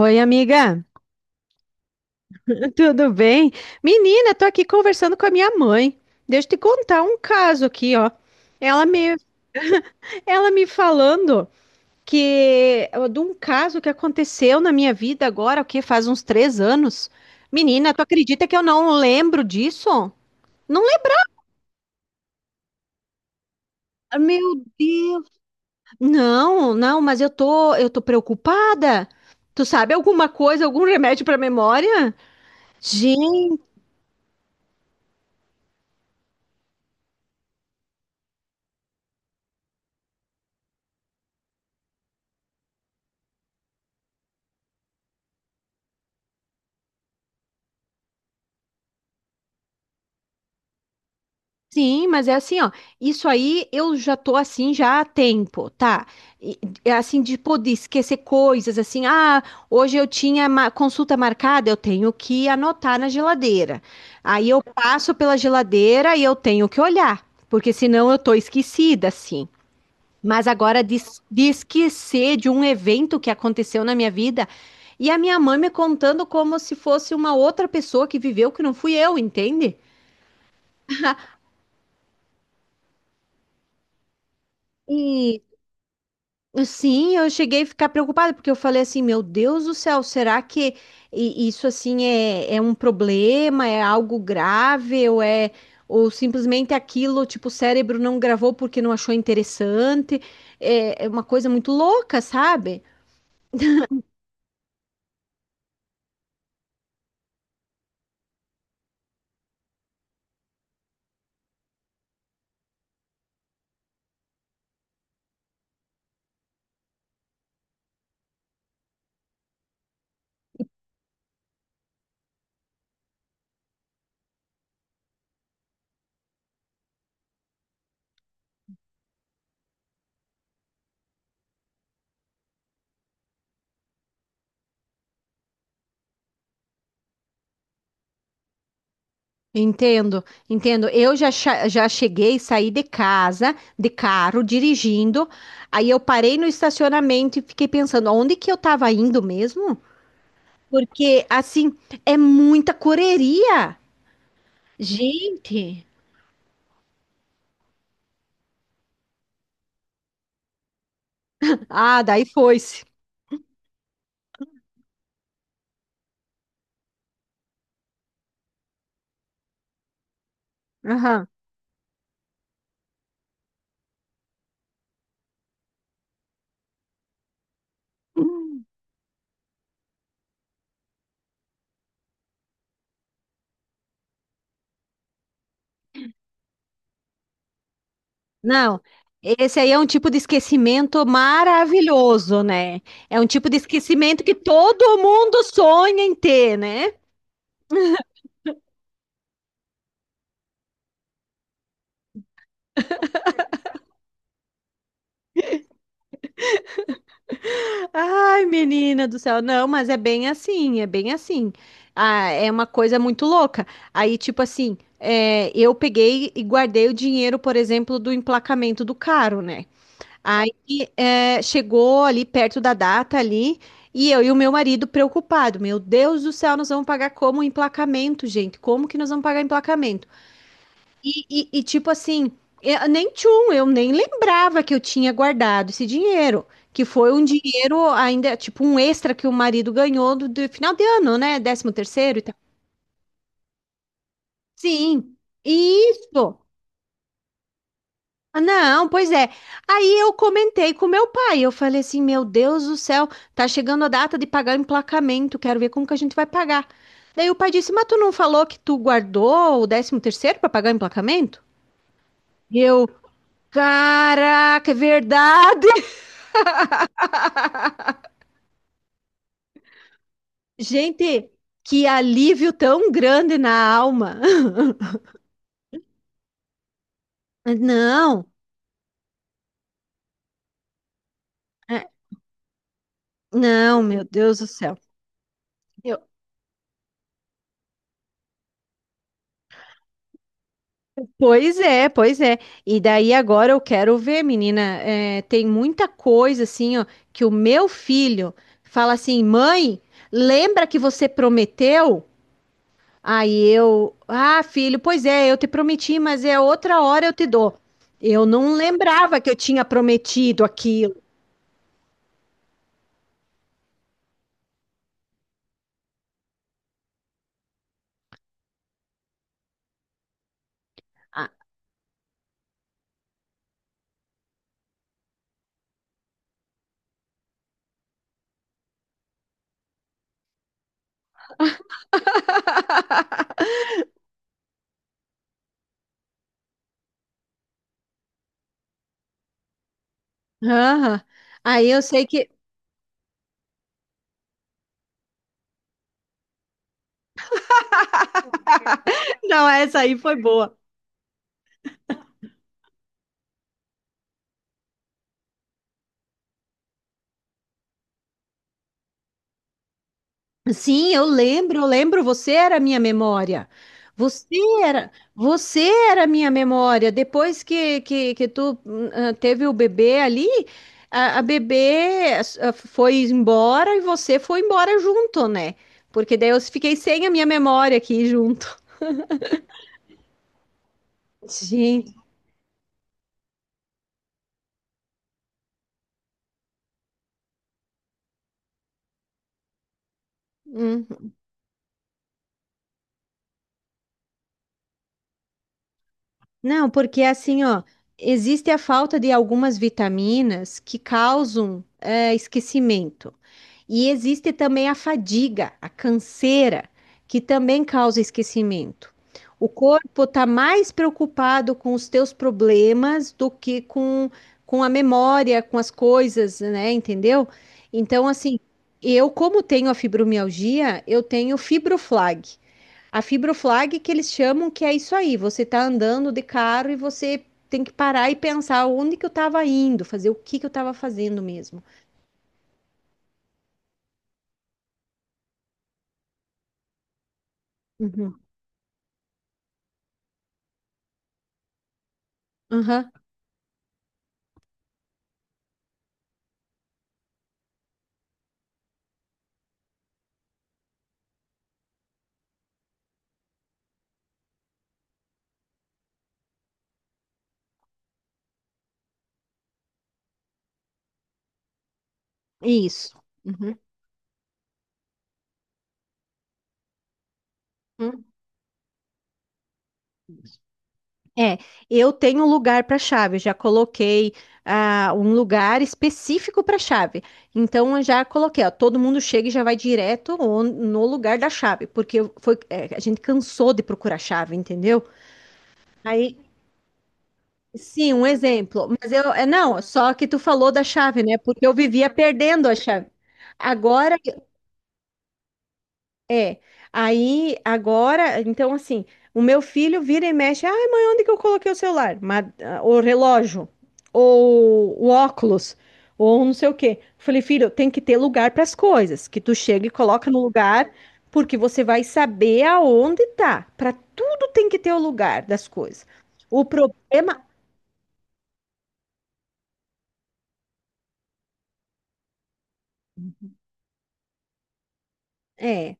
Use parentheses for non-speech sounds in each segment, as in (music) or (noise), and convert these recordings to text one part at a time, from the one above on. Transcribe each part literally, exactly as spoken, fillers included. Oi, amiga, tudo bem? Menina, tô aqui conversando com a minha mãe. Deixa eu te contar um caso aqui, ó. Ela me, ela me falando que de um caso que aconteceu na minha vida agora, o que faz uns três anos. Menina, tu acredita que eu não lembro disso? Não lembro. Meu Deus. Não, não, mas eu tô, eu tô preocupada. Tu sabe alguma coisa, algum remédio para memória? Sim, mas é assim, ó. Isso aí eu já tô assim já há tempo, tá? E- É assim de poder esquecer coisas, assim, ah, hoje eu tinha ma- consulta marcada, eu tenho que anotar na geladeira. Aí eu passo pela geladeira e eu tenho que olhar, porque senão eu tô esquecida, assim. Mas agora de, de esquecer de um evento que aconteceu na minha vida e a minha mãe me contando como se fosse uma outra pessoa que viveu que não fui eu, entende? Sim, eu cheguei a ficar preocupada, porque eu falei assim, meu Deus do céu, será que i- isso assim é, é um problema, é algo grave, ou é ou simplesmente aquilo, tipo, o cérebro não gravou porque não achou interessante, é, é uma coisa muito louca, sabe? Entendo, entendo. Eu já, cha- já cheguei, saí de casa, de carro, dirigindo, aí eu parei no estacionamento e fiquei pensando, onde que eu estava indo mesmo? Porque, assim, é muita correria. Gente. Ah, daí foi-se. Aham. Não, esse aí é um tipo de esquecimento maravilhoso, né? É um tipo de esquecimento que todo mundo sonha em ter, né? Ai, menina do céu, não, mas é bem assim, é bem assim. Ah, é uma coisa muito louca. Aí, tipo assim, é, eu peguei e guardei o dinheiro, por exemplo, do emplacamento do carro, né? Aí eh, chegou ali perto da data ali, e eu e o meu marido preocupado, meu Deus do céu, nós vamos pagar como emplacamento, gente? Como que nós vamos pagar emplacamento? E, e- e, tipo assim, eu, nem tchum, eu nem lembrava que eu tinha guardado esse dinheiro, que foi um dinheiro ainda, tipo um extra que o marido ganhou do, do final de ano, né? Décimo terceiro e tal. Sim, isso. Ah, Não, pois é. Aí eu comentei com meu pai. Eu falei assim: Meu Deus do céu, tá chegando a data de pagar o emplacamento. Quero ver como que a gente vai pagar. Daí o pai disse: Mas tu não falou que tu guardou o décimo terceiro para pagar o emplacamento? E eu, caraca, é verdade. Gente, que alívio tão grande na alma. (laughs) Não, é, não, meu Deus do céu. Pois é, pois é. E daí agora eu quero ver, menina. É, tem muita coisa assim, ó, que o meu filho fala assim, mãe, lembra que você prometeu? Aí eu, ah, filho, pois é, eu te prometi, mas é outra hora eu te dou. Eu não lembrava que eu tinha prometido aquilo. (laughs) Ah, aham. Aí eu sei que. (laughs) Não, essa aí foi boa. Sim, eu lembro, eu lembro, você era a minha memória. Você era, você era a minha memória. Depois que, que, que tu hum, ah, teve o bebê ali, a, a bebê ah, foi embora e você foi embora junto, né? Porque daí eu fiquei sem a minha memória aqui junto. Gente. Hum. Não, porque assim, ó, existe a falta de algumas vitaminas que causam eh, esquecimento. E existe também a fadiga, a canseira, que também causa esquecimento. O corpo está mais preocupado com os teus problemas do que com, com a memória, com as coisas, né? Entendeu? Então, assim, eu, como tenho a fibromialgia, eu tenho fibroflag. A fibroflag que eles chamam que é isso aí, você tá andando de carro e você tem que parar e pensar onde que eu estava indo, fazer o que que eu estava fazendo mesmo. Uhum. Aham. Isso. Uhum, uhum. É, eu tenho um lugar para chave, eu já coloquei ah, um lugar específico para chave. Então eu já coloquei, ó, todo mundo chega e já vai direto on- no lugar da chave, porque eu- foi, é, a gente cansou de procurar chave, entendeu? Aí, sim, um exemplo. Mas eu, é não, só que tu falou da chave, né? Porque eu vivia perdendo a chave. Agora É, aí agora, então assim, o meu filho vira e mexe, ai mãe, onde que eu coloquei o celular? Mas, ah, o relógio, ou o óculos, ou não sei o quê. Falei, filho, tem que ter lugar para as coisas, que tu chega e coloca no lugar, porque você vai saber aonde tá. Para tudo tem que ter o lugar das coisas. O problema é,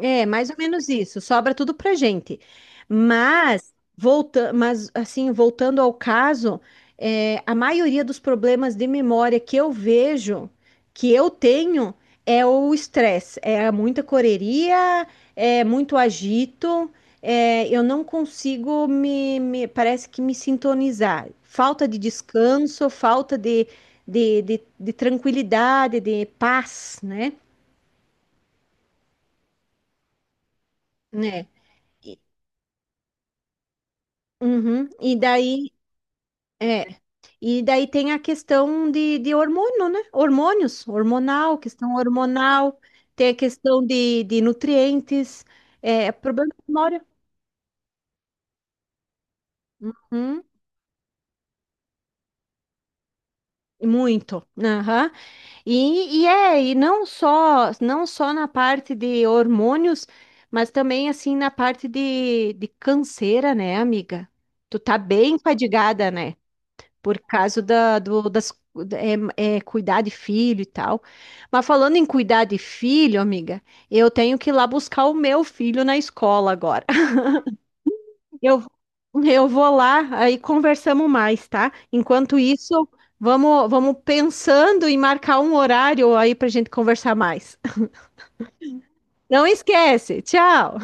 É, mais ou menos isso. Sobra tudo pra gente. Mas, volta, mas assim, voltando ao caso, é, a maioria dos problemas de memória que eu vejo, que eu tenho, é o estresse. É muita correria, é muito agito, é, eu não consigo me, me- parece que me sintonizar. Falta de descanso, falta de, de, de, de tranquilidade, de paz, né? Né? E- Uhum. E daí É, e daí tem a questão de, de hormônio, né? Hormônios, hormonal, questão hormonal, tem a questão de, de nutrientes, é, é problema de memória. Hum, muito. Aham. E, e é, e não só, não só na parte de hormônios, mas também assim na parte de, de canseira, né, amiga? Tu tá bem fadigada, né? por causa da, do, das, é, é, cuidar de filho e tal. Mas falando em cuidar de filho, amiga, eu tenho que ir lá buscar o meu filho na escola agora. (laughs) Eu, eu vou lá, aí conversamos mais, tá? Enquanto isso, vamos, vamos pensando em marcar um horário aí pra gente conversar mais. (laughs) Não esquece, tchau!